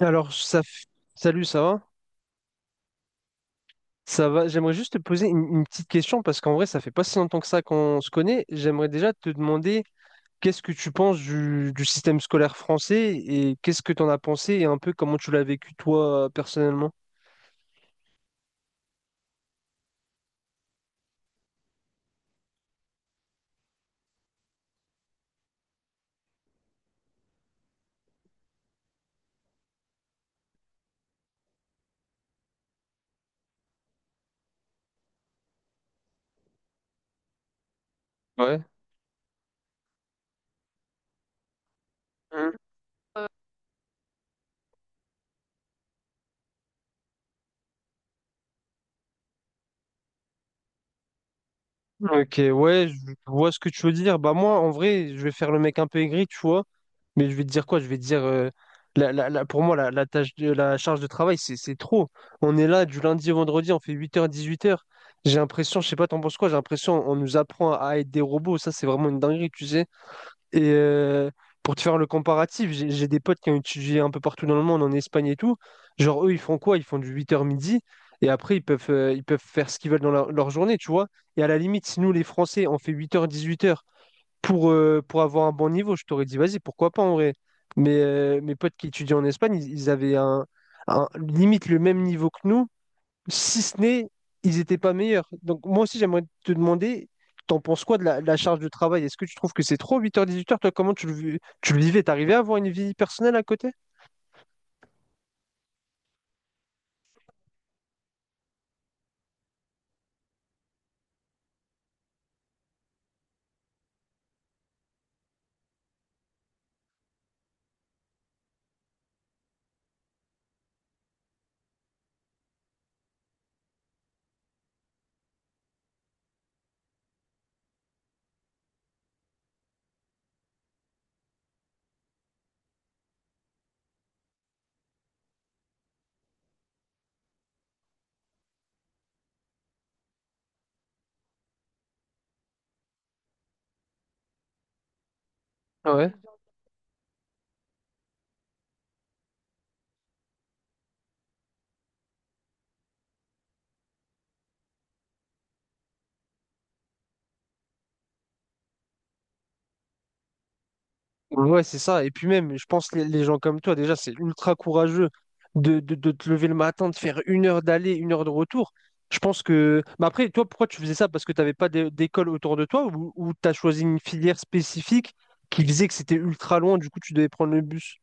Alors, ça... f- Salut, ça va? Ça va? J'aimerais juste te poser une petite question parce qu'en vrai, ça fait pas si longtemps que ça qu'on se connaît. J'aimerais déjà te demander qu'est-ce que tu penses du système scolaire français et qu'est-ce que tu en as pensé et un peu comment tu l'as vécu toi personnellement. Ouais. Ok, ouais, je vois ce que tu veux dire. Bah moi, en vrai, je vais faire le mec un peu aigri, tu vois. Mais je vais te dire quoi? Je vais te dire, pour moi, la tâche de, la charge de travail, c'est trop. On est là du lundi au vendredi, on fait huit heures dix huit heures. J'ai l'impression, je sais pas, t'en penses quoi? J'ai l'impression, on nous apprend à être des robots. Ça, c'est vraiment une dinguerie, tu sais. Et pour te faire le comparatif, j'ai des potes qui ont étudié un peu partout dans le monde, en Espagne et tout. Genre, eux, ils font quoi? Ils font du huit heures midi, et après, ils peuvent faire ce qu'ils veulent dans leur journée, tu vois. Et à la limite, si nous, les Français, on fait huit heures dix-huit heures pour avoir un bon niveau, je t'aurais dit, vas-y, pourquoi pas en vrai. Mais mes potes qui étudient en Espagne, ils avaient limite le même niveau que nous, si ce n'est, ils n'étaient pas meilleurs. Donc moi aussi, j'aimerais te demander, t'en penses quoi de de la charge de travail? Est-ce que tu trouves que c'est trop? Huit heures dix-huit heures. Toi, comment tu tu le vivais? T'arrivais à avoir une vie personnelle à côté? Ouais. Ouais, c'est ça. Et puis même, je pense les gens comme toi, déjà, c'est ultra courageux de, de te lever le matin, de faire une heure d'aller, une heure de retour. Je pense que... Mais après, toi, pourquoi tu faisais ça? Parce que tu n'avais pas d'école autour de toi ou tu as choisi une filière spécifique qui disait que c'était ultra loin, du coup, tu devais prendre le bus?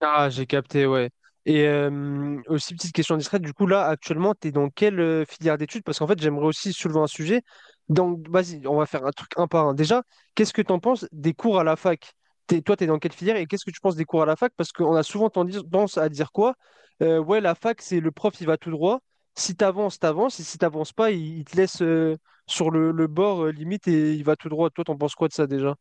Ah, j'ai capté, ouais. Et aussi, petite question discrète, du coup, là, actuellement, tu es dans quelle filière d'études? Parce qu'en fait, j'aimerais aussi soulever un sujet. Donc, vas-y, on va faire un truc un par un. Déjà, qu'est-ce que tu en penses des cours à la fac? Toi, tu es dans quelle filière et qu'est-ce que tu penses des cours à la fac? Parce qu'on a souvent tendance à dire quoi? Ouais, la fac, c'est le prof, il va tout droit. Si t'avances, t'avances. Et si t'avances pas, il te laisse sur le bord, limite, et il va tout droit. Toi, t'en penses quoi de ça déjà?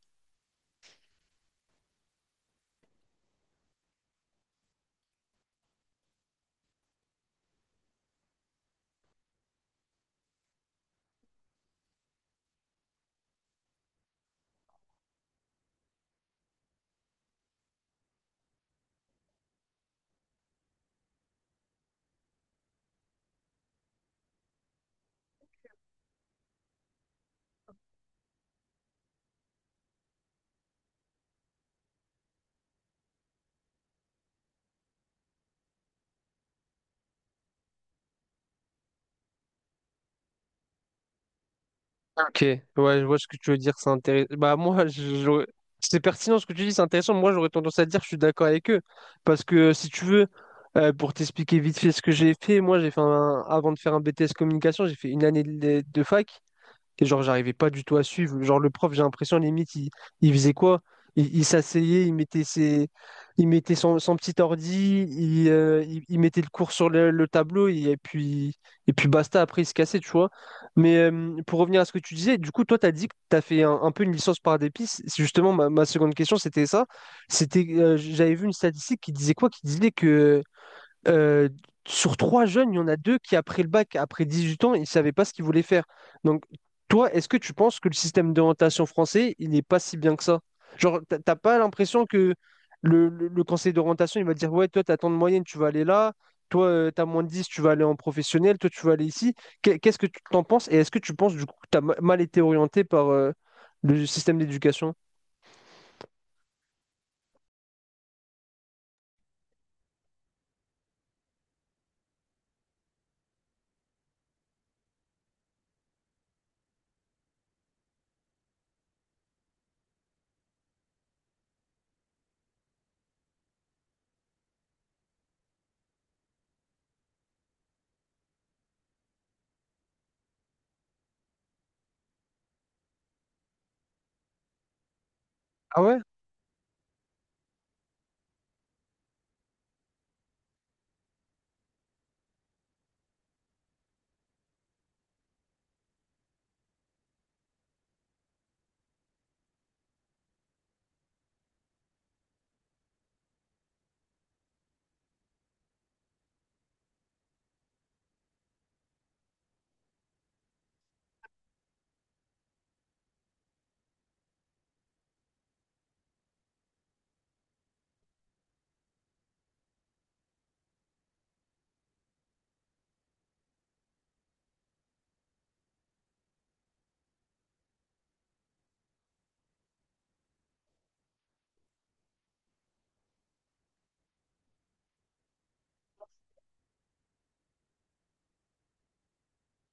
Ok, ouais, je vois ce que tu veux dire, c'est intéressant. Bah moi, c'est pertinent ce que tu dis, c'est intéressant. Moi, j'aurais tendance à dire, je suis d'accord avec eux, parce que si tu veux, pour t'expliquer vite fait ce que j'ai fait, moi, avant de faire un BTS communication, j'ai fait une année de fac. Et genre, j'arrivais pas du tout à suivre. Genre, le prof, j'ai l'impression, limite, il faisait quoi? Il s'asseyait, il mettait son petit ordi, il mettait le cours sur le tableau, puis, et puis basta, après, il se cassait, tu vois. Mais pour revenir à ce que tu disais, du coup, toi, tu as dit que tu as fait un peu une licence par dépice. C'est justement ma seconde question, c'était ça. C'était, j'avais vu une statistique qui disait quoi? Qui disait que euh, sur trois jeunes, il y en a deux qui, après le bac, après 18 ans, ils ne savaient pas ce qu'ils voulaient faire. Donc, toi, est-ce que tu penses que le système d'orientation français, il n'est pas si bien que ça? Genre, t'as pas l'impression que le conseil d'orientation, il va dire, ouais, toi, t'as tant de moyenne, tu vas aller là. Toi, t'as moins de 10, tu vas aller en professionnel. Toi, tu vas aller ici. Qu'est-ce que tu t'en penses? Et est-ce que tu penses, du coup, que mal été orienté par le système d'éducation? Ah ouais?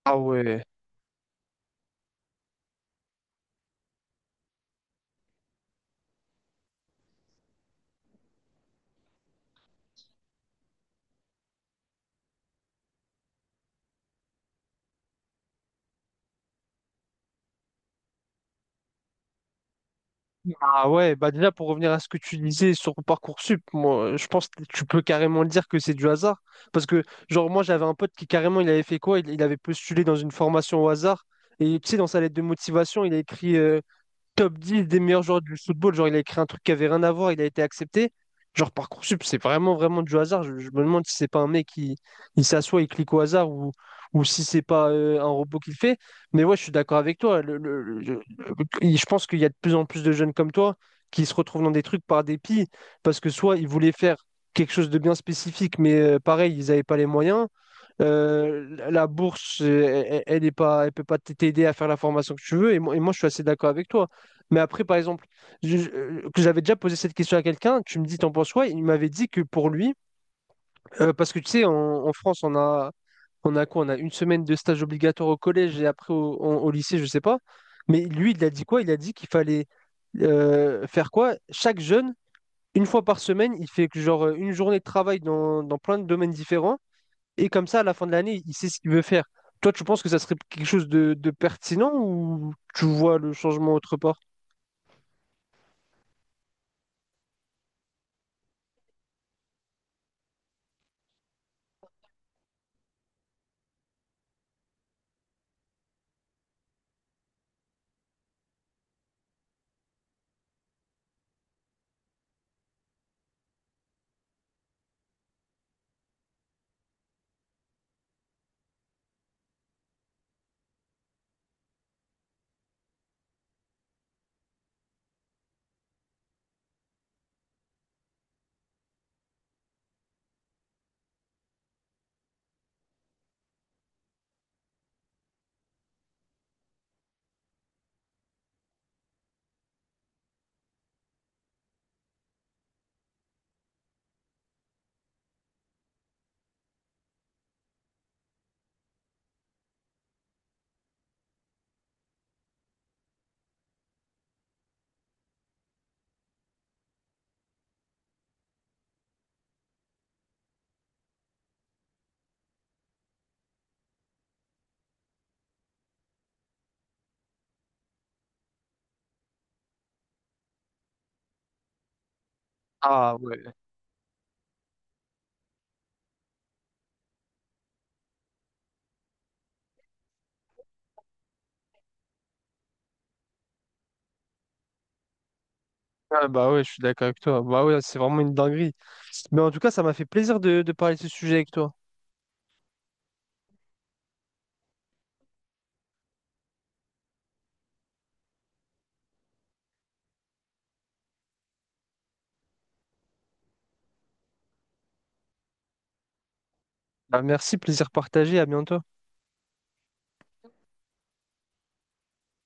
Ah ouais. Ah ouais, bah déjà pour revenir à ce que tu disais sur Parcoursup, moi je pense que tu peux carrément dire que c'est du hasard. Parce que genre moi j'avais un pote qui carrément il avait fait quoi? Il avait postulé dans une formation au hasard. Et tu sais, dans sa lettre de motivation, il a écrit top 10 des meilleurs joueurs du football. Genre, il a écrit un truc qui avait rien à voir, il a été accepté. Genre, Parcoursup, c'est vraiment, vraiment du hasard. Je me demande si c'est pas un mec qui il s'assoit, et clique au hasard ou si c'est pas un robot qui le fait. Mais ouais, je suis d'accord avec toi. Je pense qu'il y a de plus en plus de jeunes comme toi qui se retrouvent dans des trucs par dépit parce que soit ils voulaient faire quelque chose de bien spécifique, mais pareil, ils n'avaient pas les moyens. La bourse, elle, ne est pas, elle peut pas t'aider à faire la formation que tu veux. Et moi, je suis assez d'accord avec toi. Mais après, par exemple, que j'avais déjà posé cette question à quelqu'un, tu me dis, t'en penses quoi? Il m'avait dit que pour lui, parce que tu sais, en France, on a quoi? On a une semaine de stage obligatoire au collège et après au lycée, je sais pas. Mais lui, il a dit quoi? Il a dit qu'il fallait faire quoi? Chaque jeune, une fois par semaine, il fait que genre une journée de travail dans, dans plein de domaines différents. Et comme ça, à la fin de l'année, il sait ce qu'il veut faire. Toi, tu penses que ça serait quelque chose de pertinent ou tu vois le changement autre part? Ah ouais. Ah, bah ouais, je suis d'accord avec toi. Bah ouais, c'est vraiment une dinguerie. Mais en tout cas, ça m'a fait plaisir de parler de ce sujet avec toi. Bah, merci, plaisir partagé, à bientôt.